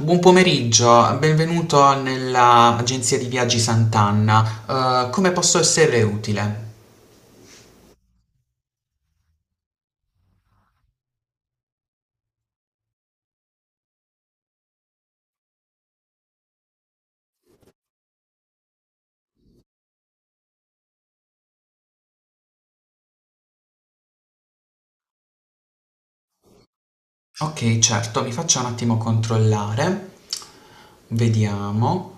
Buon pomeriggio, benvenuto nella agenzia di viaggi Sant'Anna. Come posso esserle utile? Ok, certo, mi faccia un attimo controllare. Vediamo.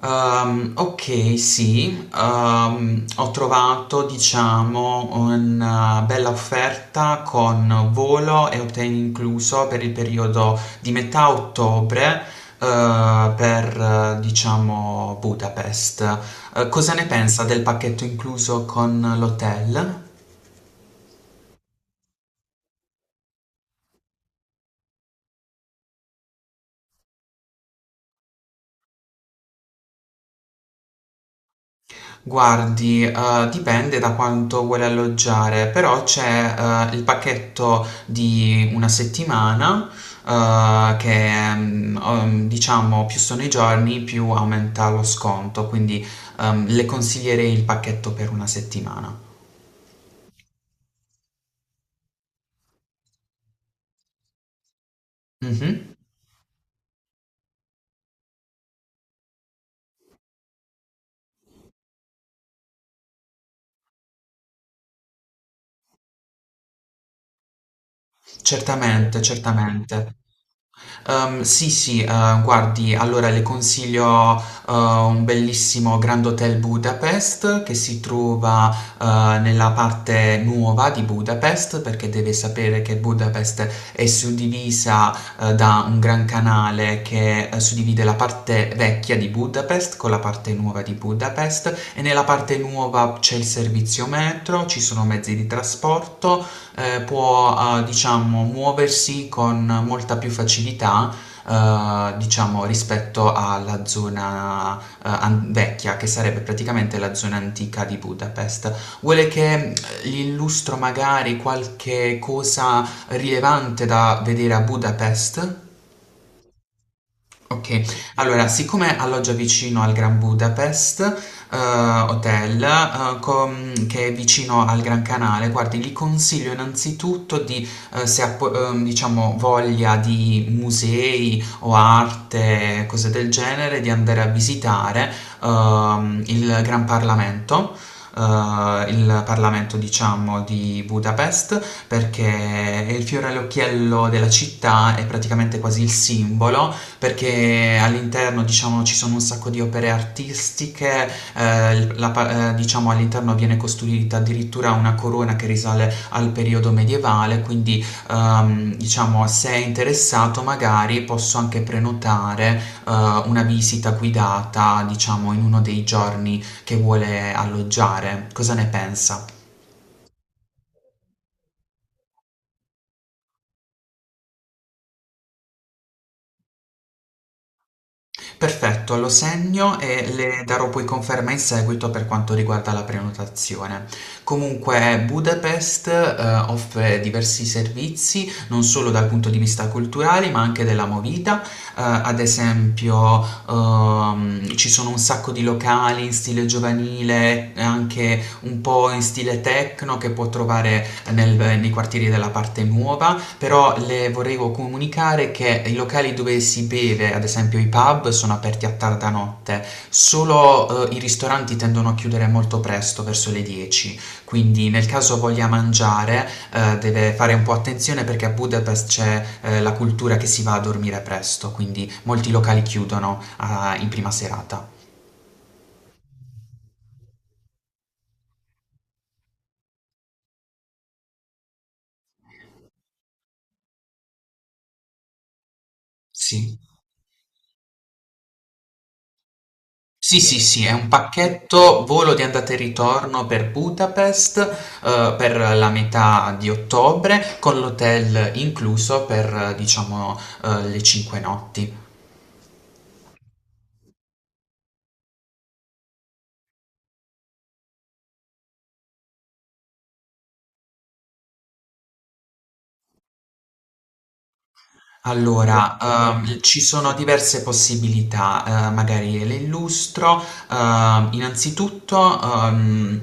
Ok, sì, ho trovato, diciamo, una bella offerta con volo e hotel incluso per il periodo di metà ottobre, per, diciamo, Budapest. Cosa ne pensa del pacchetto incluso con l'hotel? Guardi, dipende da quanto vuole alloggiare, però c'è il pacchetto di una settimana, diciamo più sono i giorni, più aumenta lo sconto, quindi le consiglierei il pacchetto per una settimana. Mhm. Certamente, certamente. Sì, sì, guardi, allora le consiglio ehm, un bellissimo Grand Hotel Budapest che si trova nella parte nuova di Budapest, perché deve sapere che Budapest è suddivisa, da un gran canale che suddivide la parte vecchia di Budapest con la parte nuova di Budapest, e nella parte nuova c'è il servizio metro, ci sono mezzi di trasporto, può diciamo muoversi con molta più facilità diciamo rispetto alla zona vecchia, che sarebbe praticamente la zona antica di Budapest. Vuole che gli illustro magari qualche cosa rilevante da vedere a Budapest? Okay. Allora, siccome alloggia vicino al Grand Budapest, Hotel, com che è vicino al Gran Canale, guardi, gli consiglio innanzitutto, di, se ha po diciamo voglia di musei o arte, cose del genere, di andare a visitare il Gran Parlamento, il Parlamento diciamo di Budapest, perché è il fiore all'occhiello della città, è praticamente quasi il simbolo, perché all'interno diciamo ci sono un sacco di opere artistiche, diciamo all'interno viene costruita addirittura una corona che risale al periodo medievale, quindi diciamo, se è interessato magari posso anche prenotare una visita guidata diciamo in uno dei giorni che vuole alloggiare. Cosa ne pensa? Perfetto, lo segno e le darò poi conferma in seguito per quanto riguarda la prenotazione. Comunque Budapest offre diversi servizi, non solo dal punto di vista culturale, ma anche della movida. Ad esempio, ci sono un sacco di locali in stile giovanile, e anche un po' in stile techno, che può trovare nei quartieri della parte nuova. Però le volevo comunicare che i locali dove si beve, ad esempio i pub, sono aperti a tarda notte, solo i ristoranti tendono a chiudere molto presto, verso le 10. Quindi nel caso voglia mangiare, deve fare un po' attenzione, perché a Budapest c'è la cultura che si va a dormire presto, quindi molti locali chiudono in prima serata. Sì. Sì, sì, sì, è un pacchetto volo di andata e ritorno per Budapest, per la metà di ottobre, con l'hotel incluso per, diciamo, le 5 notti. Allora, ci sono diverse possibilità, magari le illustro. Ehm, innanzitutto, ehm,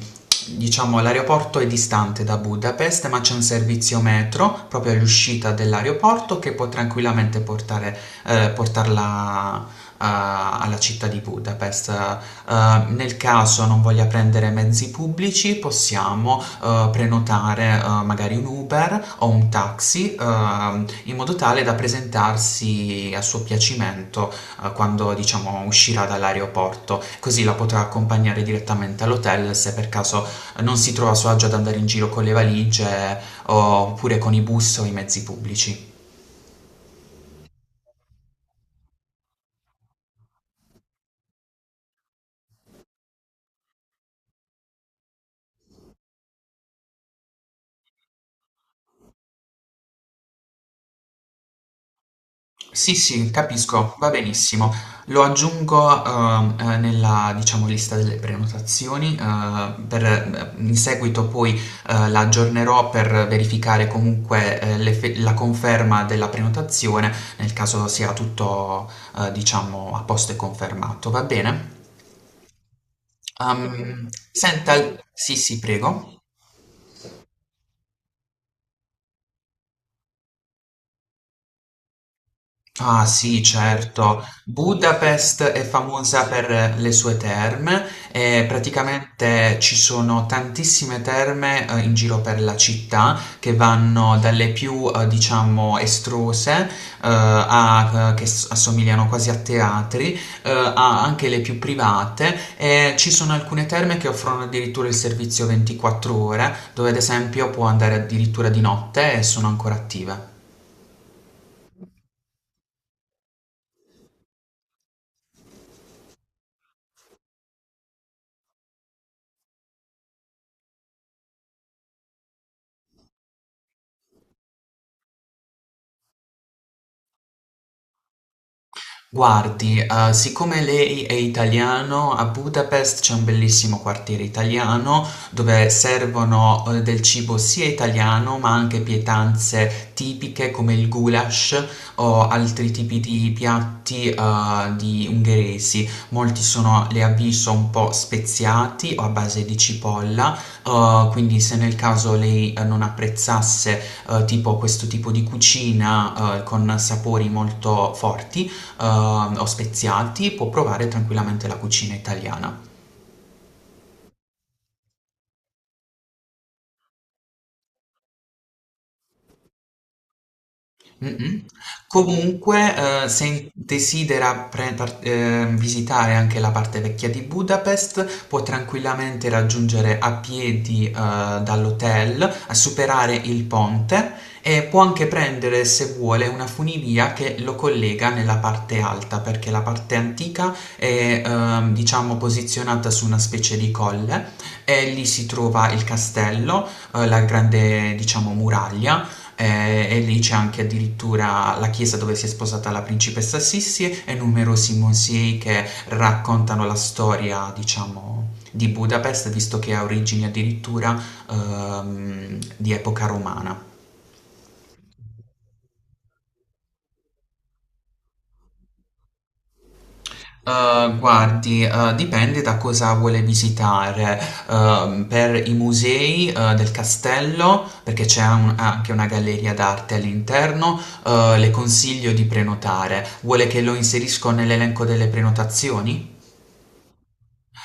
diciamo, l'aeroporto è distante da Budapest, ma c'è un servizio metro proprio all'uscita dell'aeroporto che può tranquillamente portare, portarla alla città di Budapest. Nel caso non voglia prendere mezzi pubblici, possiamo prenotare magari un Uber o un taxi, in modo tale da presentarsi a suo piacimento quando diciamo uscirà dall'aeroporto, così la potrà accompagnare direttamente all'hotel, se per caso non si trova a suo agio ad andare in giro con le valigie oppure con i bus o i mezzi pubblici. Sì, sì, capisco, va benissimo. Lo aggiungo, nella, diciamo, lista delle prenotazioni, per, in seguito poi la aggiornerò per verificare comunque la conferma della prenotazione, nel caso sia tutto, diciamo, a posto e confermato, va bene? Ok. Senta, poi sì, sì, prego. Ah, sì, certo. Budapest è famosa per le sue terme e praticamente ci sono tantissime terme in giro per la città, che vanno dalle più diciamo estrose a che assomigliano quasi a teatri, a anche le più private, e ci sono alcune terme che offrono addirittura il servizio 24 ore, dove ad esempio può andare addirittura di notte e sono ancora attive. Guardi, siccome lei è italiano, a Budapest c'è un bellissimo quartiere italiano dove servono del cibo sia italiano, ma anche pietanze tipiche come il goulash o altri tipi di piatti di ungheresi. Molti sono, le avviso, un po' speziati o a base di cipolla, quindi se nel caso lei non apprezzasse tipo questo tipo di cucina, con sapori molto forti, eh, o speziati, può provare tranquillamente la cucina italiana. Mhm. Comunque, se desidera visitare anche la parte vecchia di Budapest, può tranquillamente raggiungere a piedi dall'hotel, a superare il ponte, e può anche prendere, se vuole, una funivia che lo collega nella parte alta, perché la parte antica è, diciamo, posizionata su una specie di colle, e lì si trova il castello, la grande, diciamo, muraglia, e lì c'è anche addirittura la chiesa dove si è sposata la principessa Sissi, e numerosi musei che raccontano la storia, diciamo, di Budapest, visto che ha origini addirittura di epoca romana. Guardi, dipende da cosa vuole visitare. Per i musei del castello, perché c'è anche una galleria d'arte all'interno, le consiglio di prenotare. Vuole che lo inserisco nell'elenco delle prenotazioni?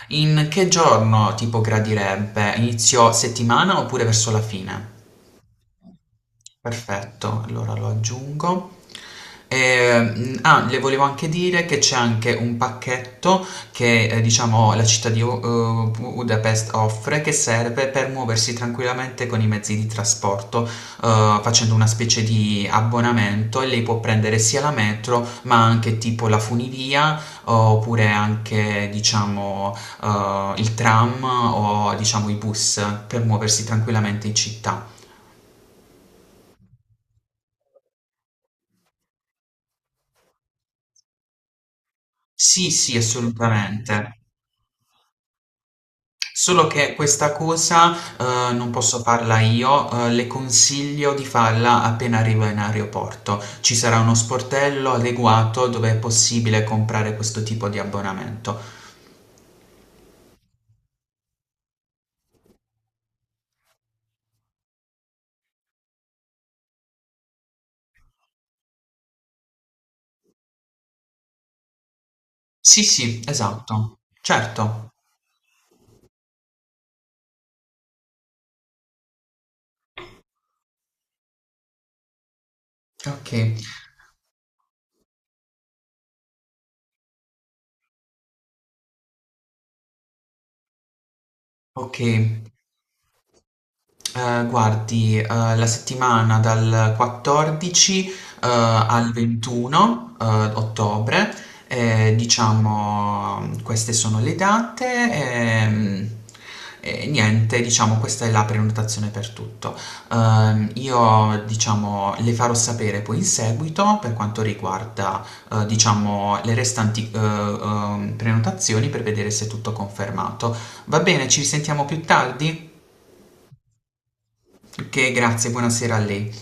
In che giorno tipo gradirebbe? Inizio settimana oppure verso la fine? Perfetto, allora lo aggiungo. Le volevo anche dire che c'è anche un pacchetto che diciamo la città di Budapest offre, che serve per muoversi tranquillamente con i mezzi di trasporto facendo una specie di abbonamento, e lei può prendere sia la metro, ma anche tipo la funivia, oppure anche diciamo il tram o diciamo i bus, per muoversi tranquillamente in città. Sì, sì, assolutamente. Solo che questa cosa non posso farla io, le consiglio di farla appena arriva in aeroporto. Ci sarà uno sportello adeguato dove è possibile comprare questo tipo di abbonamento. Sì, sì, esatto. Certo. Ok, ok. Guardi, la settimana dal 14, al 21, ottobre, diciamo, queste sono le date. ehm, E, niente, diciamo, questa è la prenotazione per tutto. Io, diciamo, le farò sapere poi in seguito per quanto riguarda, diciamo, le restanti, prenotazioni, per vedere se è tutto confermato. Va bene, ci risentiamo più tardi? Che grazie, buonasera a lei.